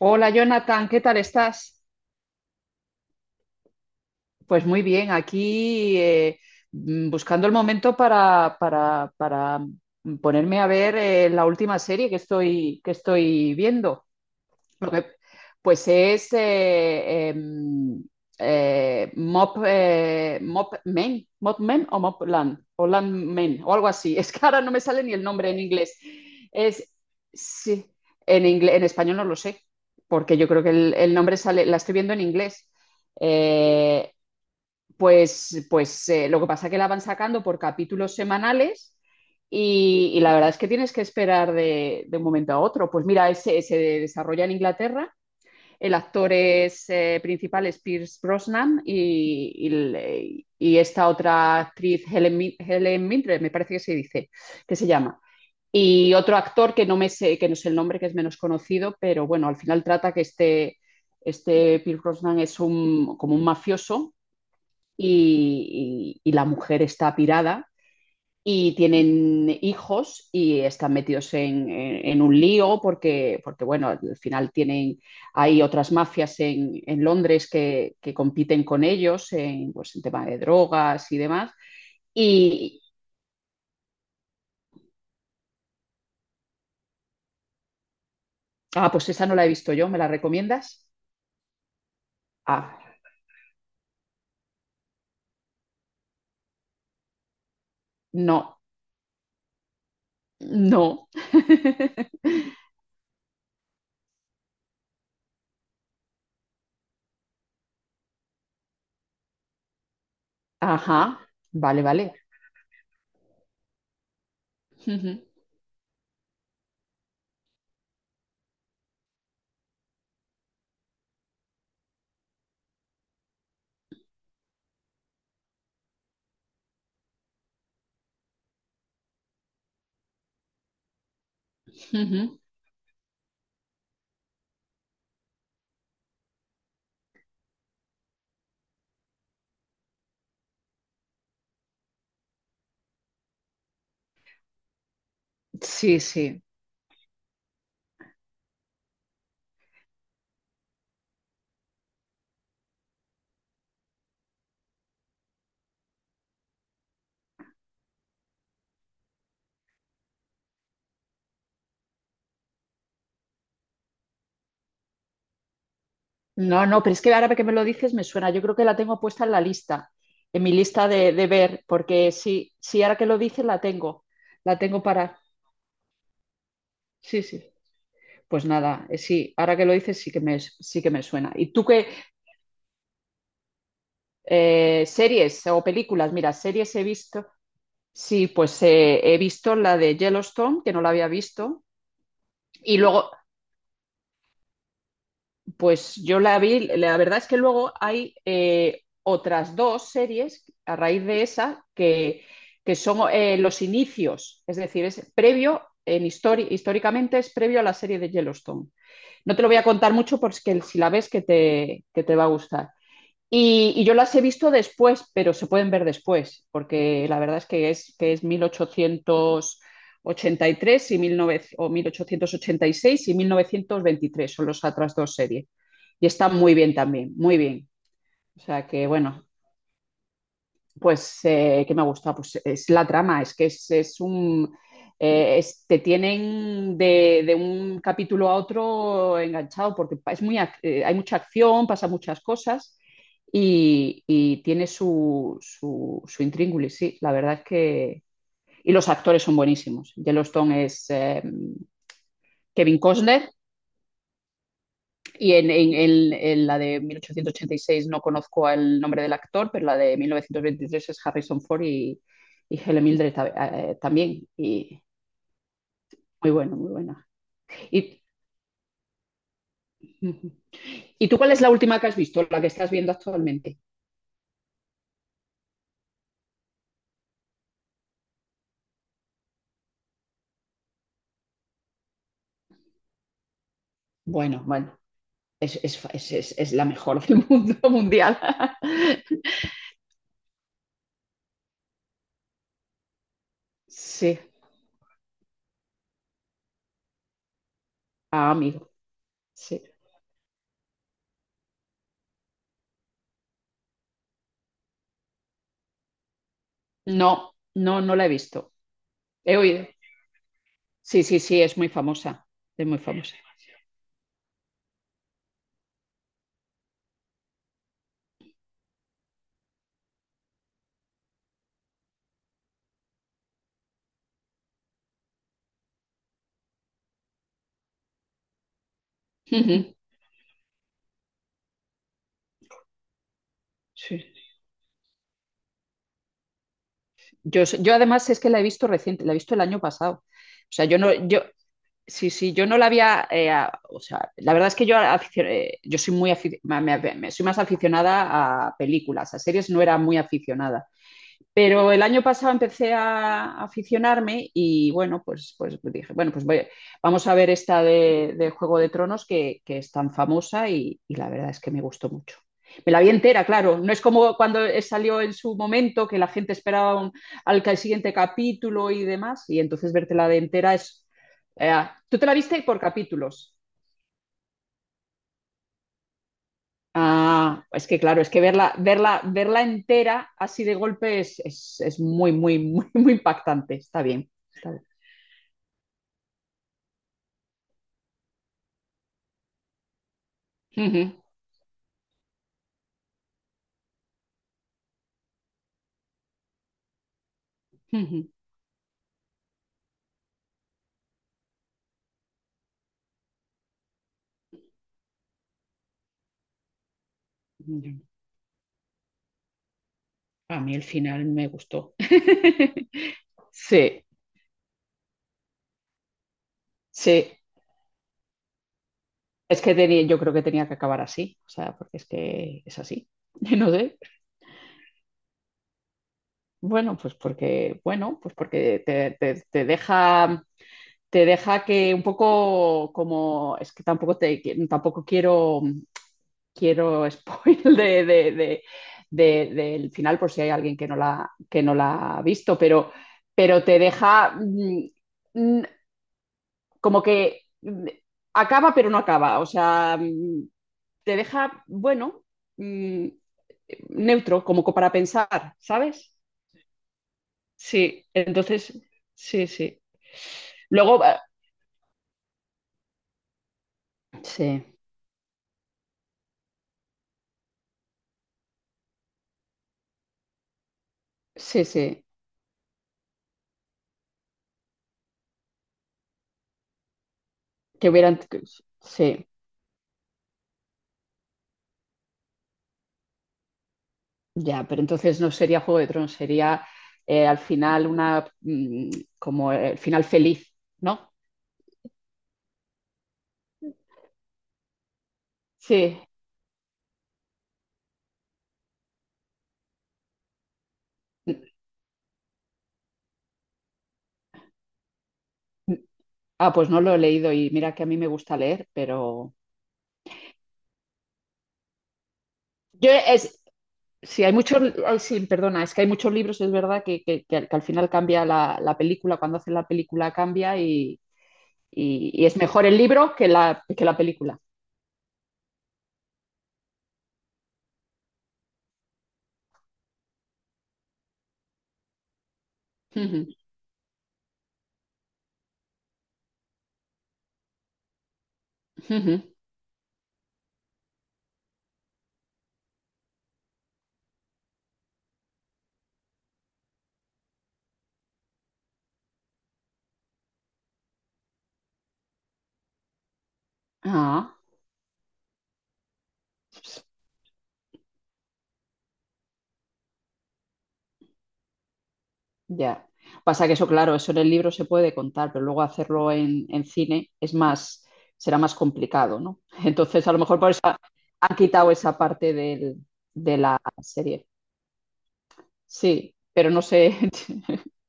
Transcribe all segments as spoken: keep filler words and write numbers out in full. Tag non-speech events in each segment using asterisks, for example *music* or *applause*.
Hola Jonathan, ¿qué tal estás? Pues muy bien, aquí eh, mm, buscando el momento para, para- para ponerme a ver eh, la última serie que estoy, que estoy viendo. Lo que, pues es eh, eh, eh, Mop, eh, Mop Men, Mop Men o Mop Land, o Land Men, o algo así. *laughs* Es que ahora no me sale ni el nombre en inglés. Es, sí, en, inglés, en español no lo sé, porque yo creo que el, el nombre sale, la estoy viendo en inglés. Eh, pues pues eh, lo que pasa es que la van sacando por capítulos semanales. Y, y la verdad es que tienes que esperar de, de un momento a otro. Pues mira, ese se desarrolla en Inglaterra. El actor es, eh, principal es Pierce Brosnan, y, y- y esta otra actriz, Helen, Mi- Helen Mildred, me parece que se dice, que se llama. Y otro actor que no me sé, que no sé el nombre, que es menos conocido, pero bueno, al final trata que este, este Pierce Brosnan es un, como un mafioso, y, y- y la mujer está pirada, y tienen hijos y están metidos en, en- en un lío, porque, porque, bueno, al final tienen, hay otras mafias en, en Londres que, que compiten con ellos en, pues, en tema de drogas y demás. Y, ah, pues esa no la he visto yo, ¿me la recomiendas? Ah, no, no. *laughs* Ajá, vale, vale. Ujú, ujú. Sí, sí. No, no, pero es que ahora que me lo dices me suena. Yo creo que la tengo puesta en la lista, en mi lista de, de ver, porque sí, sí, ahora que lo dices la tengo, la tengo Para. Sí, sí. Pues nada, eh, sí, ahora que lo dices sí que me, sí que me suena. ¿Y tú qué eh, series o películas? Mira, series he visto. Sí, pues eh, he visto la de Yellowstone, que no la había visto. Y luego, Pues yo la vi, la verdad es que luego hay eh, otras dos series a raíz de esa que, que son eh, los inicios, es decir, es previo, en histori- históricamente es previo a la serie de Yellowstone. No te lo voy a contar mucho porque si la ves que te, que te va a gustar. Y, y yo las he visto después, pero se pueden ver después, porque la verdad es que es que es mil ochocientos ochenta y diecinueve, o mil ochocientos ochenta y seis y mil novecientos veintitrés son los otras dos series. Y están muy bien también, muy bien. O sea que, bueno, pues, eh, ¿qué me gusta? Pues es la trama, es que es, es un... eh, es- te tienen de, de un capítulo a otro enganchado porque pa- es muy, ac- eh, hay mucha acción, pasa muchas cosas, y, y tiene su, su, su intríngulis, sí, la verdad es que... Y los actores son buenísimos. Yellowstone es eh, Kevin Costner, y en, en- en- en la de mil ochocientos ochenta y seis no conozco el nombre del actor, pero la de mil novecientos veintitrés es Harrison Ford, y, y Helen Mildred eh, también. Y muy bueno, muy buena. Y, *laughs* ujú. ¿Y tú cuál es la última que has visto, la que estás viendo actualmente? Bueno, bueno, es, es- es- es- es la mejor del mundo *laughs* mundial. Sí, ah, amigo, sí. No, no, no la he visto. He oído. Sí, sí, sí, es muy famosa. Es muy famosa. *laughs* Ujú, sí. Yo, s- yo además es que la he visto reciente, la he visto el año pasado. O sea, yo no, yo, sí, sí, yo no la había, eh, a- o sea, la verdad es que yo, aficio- eh, yo soy muy, afi- ma- me- me- soy más aficionada a películas, a series no era muy aficionada. Pero el año pasado empecé a a aficionarme, y bueno, pues, pues dije, bueno, pues voy- vamos a ver esta de, de Juego de Tronos que, que es tan famosa, y, y la verdad es que me gustó mucho. Me la vi entera, claro. No es como cuando salió en su momento, que la gente esperaba un- al ca- siguiente capítulo y demás, y entonces vértela de entera es... eh, ¿tú te la viste por capítulos? Ah, es que claro, es que verla, verla, verla entera así de golpe es, es- es muy, muy, muy, *laughs* muy impactante. Está bien, está bien. Ujú, ujú. Ujú. A mí el final me gustó. *laughs* Sí, sí. Es que tenía, yo creo que tenía que acabar así. O sea, porque es que es así. *laughs* No sé. Bueno, pues porque, bueno, pues porque te, te- te deja, te deja que un poco como, es que tampoco te, tampoco quiero. Quiero spoil de, de- de- de- del final por si hay alguien que no la, que no la ha visto, pero, pero te deja mm, mm, como que mm, acaba pero no acaba, o sea, mm, te deja, bueno, mm, neutro, como para pensar, ¿sabes? Sí, entonces, sí, sí. Luego, eh, sí, sí, sí, que hubieran, sí. Ya, pero entonces no sería Juego de Tronos, sería eh, al final una mm, como el final feliz, ¿no? Sí. Ah, pues no lo he leído y mira que a mí me gusta leer, pero yo es sí hay muchos, ay, sí, perdona, es que hay muchos libros, es verdad que, que- que al que al final cambia la, la película, cuando hacen la película cambia, y, y- y es mejor el libro que la, que la película. Ujú, ujú. Ah. Ya. Pasa que eso, claro, eso en el libro se puede contar, pero luego hacerlo en, en cine es más, será más complicado, ¿no? *laughs* Entonces, a lo mejor por eso ha- han quitado esa parte del- de la serie. Sí, pero no sé. *laughs*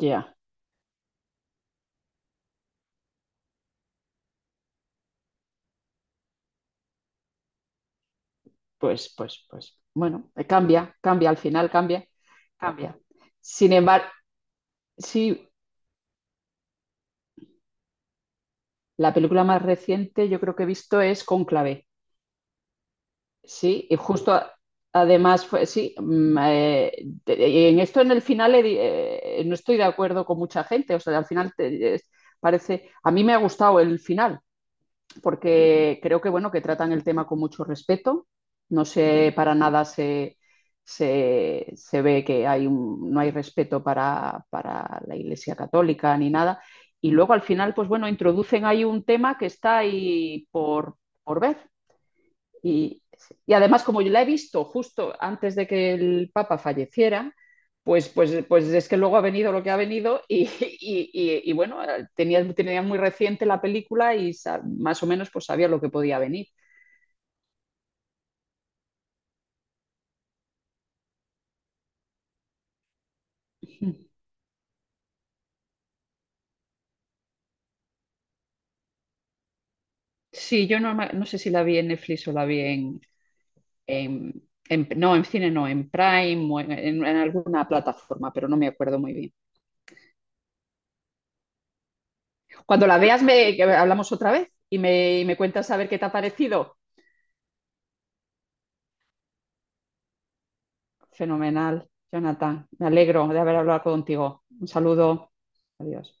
Ya, pues, pues, pues. Bueno, eh, cambia, cambia, al final cambia, cambia. Sin embargo, sí, la película más reciente yo creo que he visto es Cónclave. Sí, y justo a- además fue, sí, mm, eh, te- y en esto en el final he di- eh, no estoy de acuerdo con mucha gente, o sea, al final te- es- parece, a mí me ha gustado el final, porque creo que bueno, que tratan el tema con mucho respeto, no sé, para nada se, se, se ve que hay un- no hay respeto para, para la Iglesia Católica ni nada, y luego al final, pues bueno, introducen ahí un tema que está ahí por, por ver, y, y además, como yo la he visto justo antes de que el Papa falleciera, pues, pues, pues es que luego ha venido lo que ha venido, y, y, y, y bueno, tenía, tenía muy reciente la película y sa- más o menos pues sabía lo que podía venir. Sí, yo no, no sé si la vi en Netflix o la vi en, en, en- no, en cine no, en Prime o en, en- en alguna plataforma, pero no me acuerdo muy bien. Cuando la veas me que hablamos otra vez, y me, y me cuentas a ver qué te ha parecido. Fenomenal, Jonathan. Me alegro de haber hablado contigo. Un saludo. Adiós.